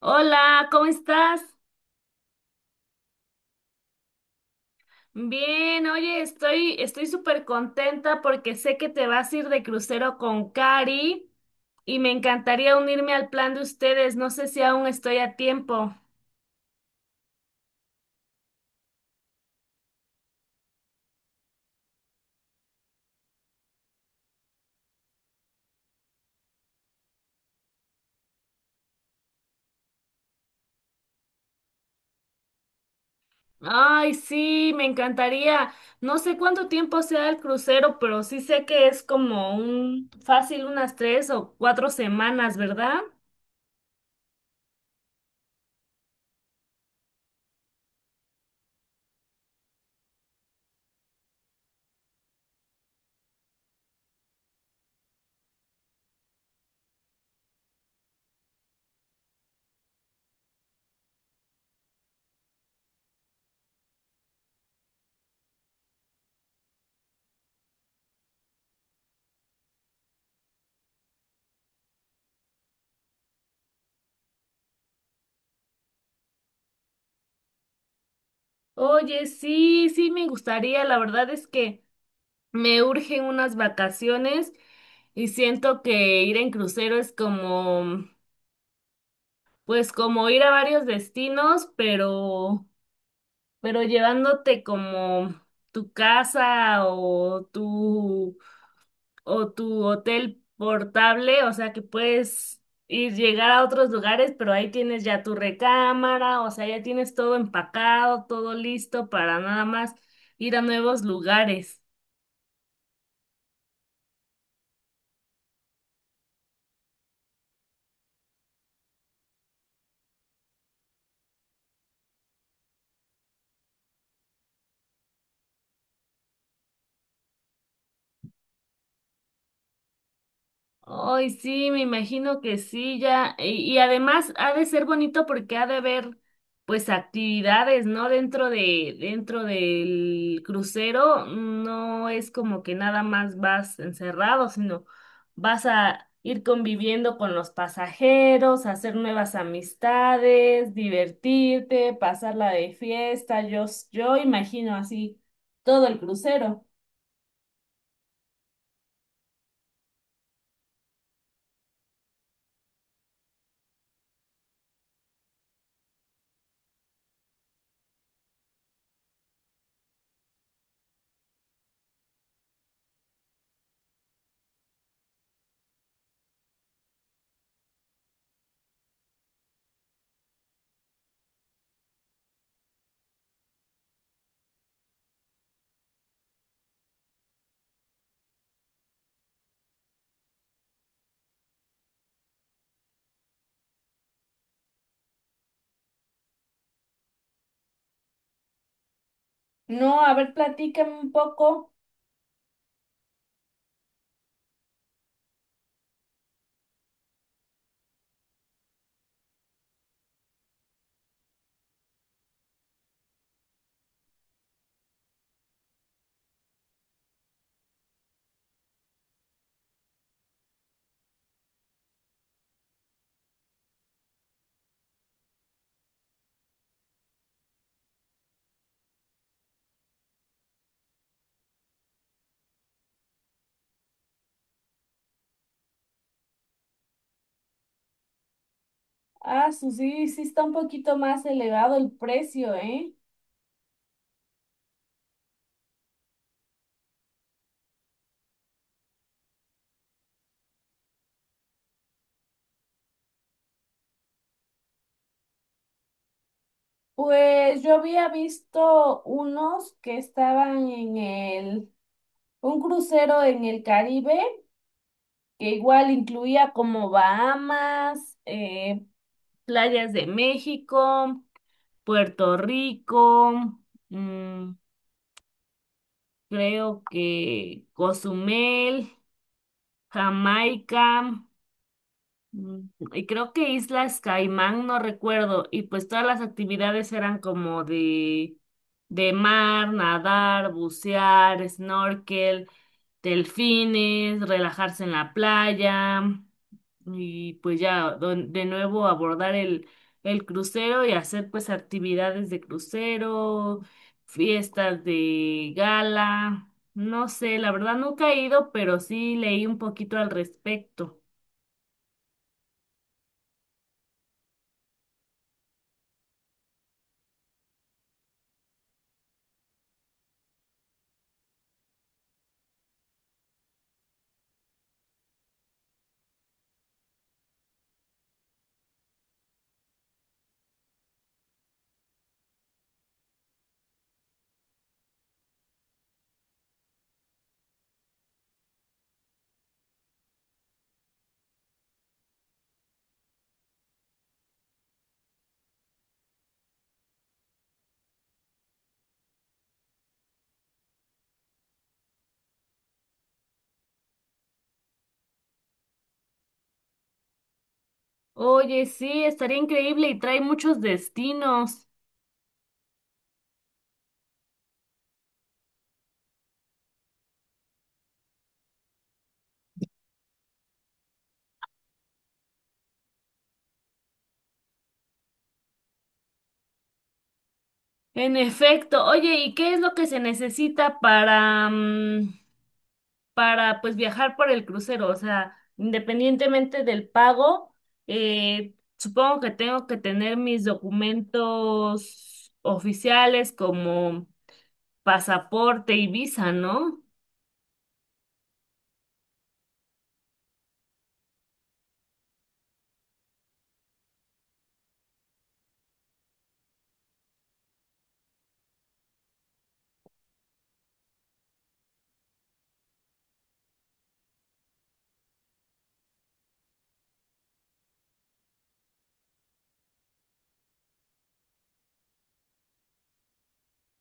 Hola, ¿cómo estás? Bien, oye, estoy súper contenta porque sé que te vas a ir de crucero con Cari y me encantaría unirme al plan de ustedes. No sé si aún estoy a tiempo. Ay, sí, me encantaría. No sé cuánto tiempo sea el crucero, pero sí sé que es como un fácil unas 3 o 4 semanas, ¿verdad? Oye, sí, sí, me gustaría. La verdad es que me urgen unas vacaciones y siento que ir en crucero es como, pues como ir a varios destinos, pero llevándote como tu casa o tu hotel portable, o sea que puedes ir llegar a otros lugares, pero ahí tienes ya tu recámara, o sea, ya tienes todo empacado, todo listo para nada más ir a nuevos lugares. Ay, sí, me imagino que sí, ya. Y además ha de ser bonito porque ha de haber, pues, actividades, ¿no? Dentro de, dentro del crucero, no es como que nada más vas encerrado, sino vas a ir conviviendo con los pasajeros, hacer nuevas amistades, divertirte, pasarla de fiesta. Yo, s- yo imagino así todo el crucero. No, a ver, platícame un poco. Ah, su- sí, sí está un poquito más elevado el precio, ¿eh? Pues yo había visto unos que estaban en el, un crucero en el Caribe, que igual incluía como Bahamas, playas de México, Puerto Rico, mm, creo que Cozumel, Jamaica. Mm, Y creo que Islas Caimán, no recuerdo, y pues todas las actividades eran como de mar, nadar, bucear, snorkel, delfines, relajarse en la playa, y pues ya don- de nuevo abordar el crucero y hacer pues actividades de crucero, fiestas de gala, no sé, la verdad nunca he ido, pero sí leí un poquito al respecto. Oye, sí, estaría increíble y trae muchos destinos. En efecto. Oye, ¿y qué es lo que se necesita para, para pues viajar por el crucero? O sea, independientemente del pago, supongo que tengo que tener mis documentos oficiales como pasaporte y visa, ¿no?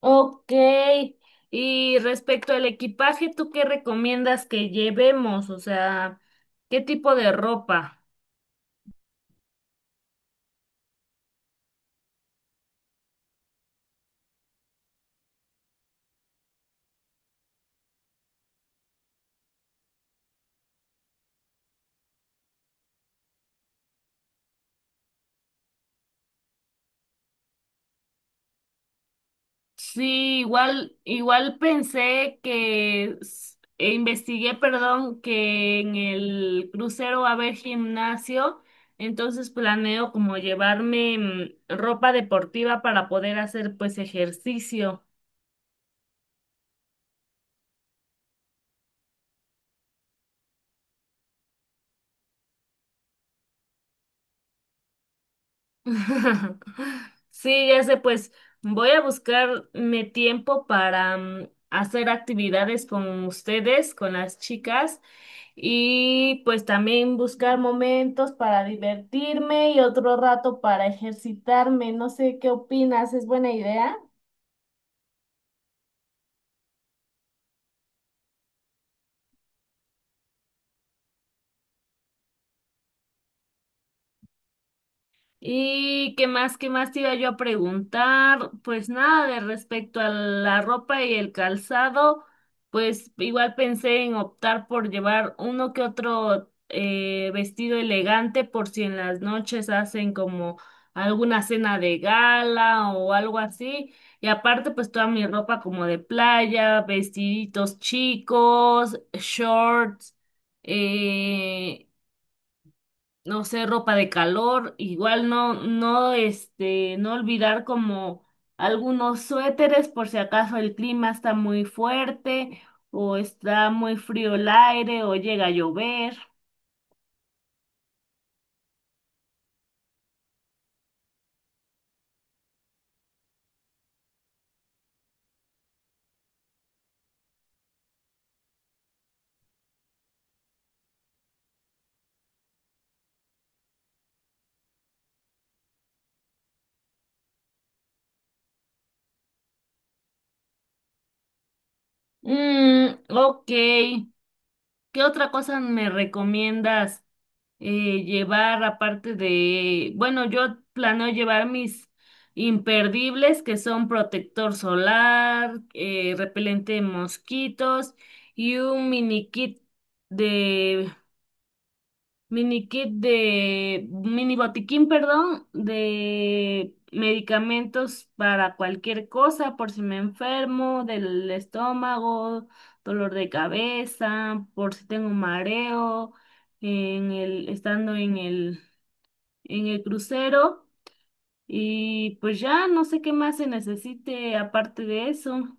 Ok. Y respecto al equipaje, ¿tú qué recomiendas que llevemos? O sea, ¿qué tipo de ropa? Sí, igual, igual pensé que s- e investigué, perdón, que en el crucero va a haber gimnasio, entonces planeo como llevarme ropa deportiva para poder hacer pues ejercicio. Sí, ya sé, pues voy a buscarme tiempo para hacer actividades con ustedes, con las chicas, y pues también buscar momentos para divertirme y otro rato para ejercitarme. No sé qué opinas, ¿es buena idea? ¿Y qué más te iba yo a preguntar? Pues nada, de respecto a la ropa y el calzado, pues igual pensé en optar por llevar uno que otro vestido elegante por si en las noches hacen como alguna cena de gala o algo así. Y aparte, pues toda mi ropa como de playa, vestiditos chicos, shorts. eh, no sé, ropa de calor, igual no, no, este, no olvidar como algunos suéteres por si acaso el clima está muy fuerte o está muy frío el aire o llega a llover. Ok, ¿qué otra cosa me recomiendas? Llevar aparte de, bueno, yo planeo llevar mis imperdibles que son protector solar, repelente de mosquitos y un mini kit de, mini kit de, mini botiquín, perdón, de medicamentos para cualquier cosa, por si me enfermo del estómago, dolor de cabeza, por si tengo mareo en el, estando en el crucero y pues ya no sé qué más se necesite aparte de eso.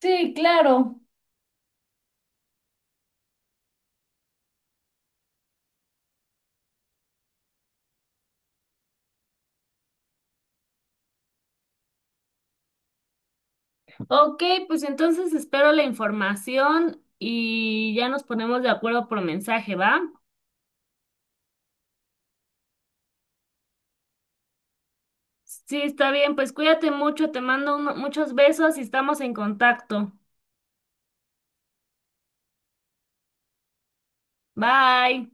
Sí, claro. Ok, pues entonces espero la información y ya nos ponemos de acuerdo por mensaje, ¿va? Sí, está bien, pues cuídate mucho, te mando uno- muchos besos y estamos en contacto. Bye.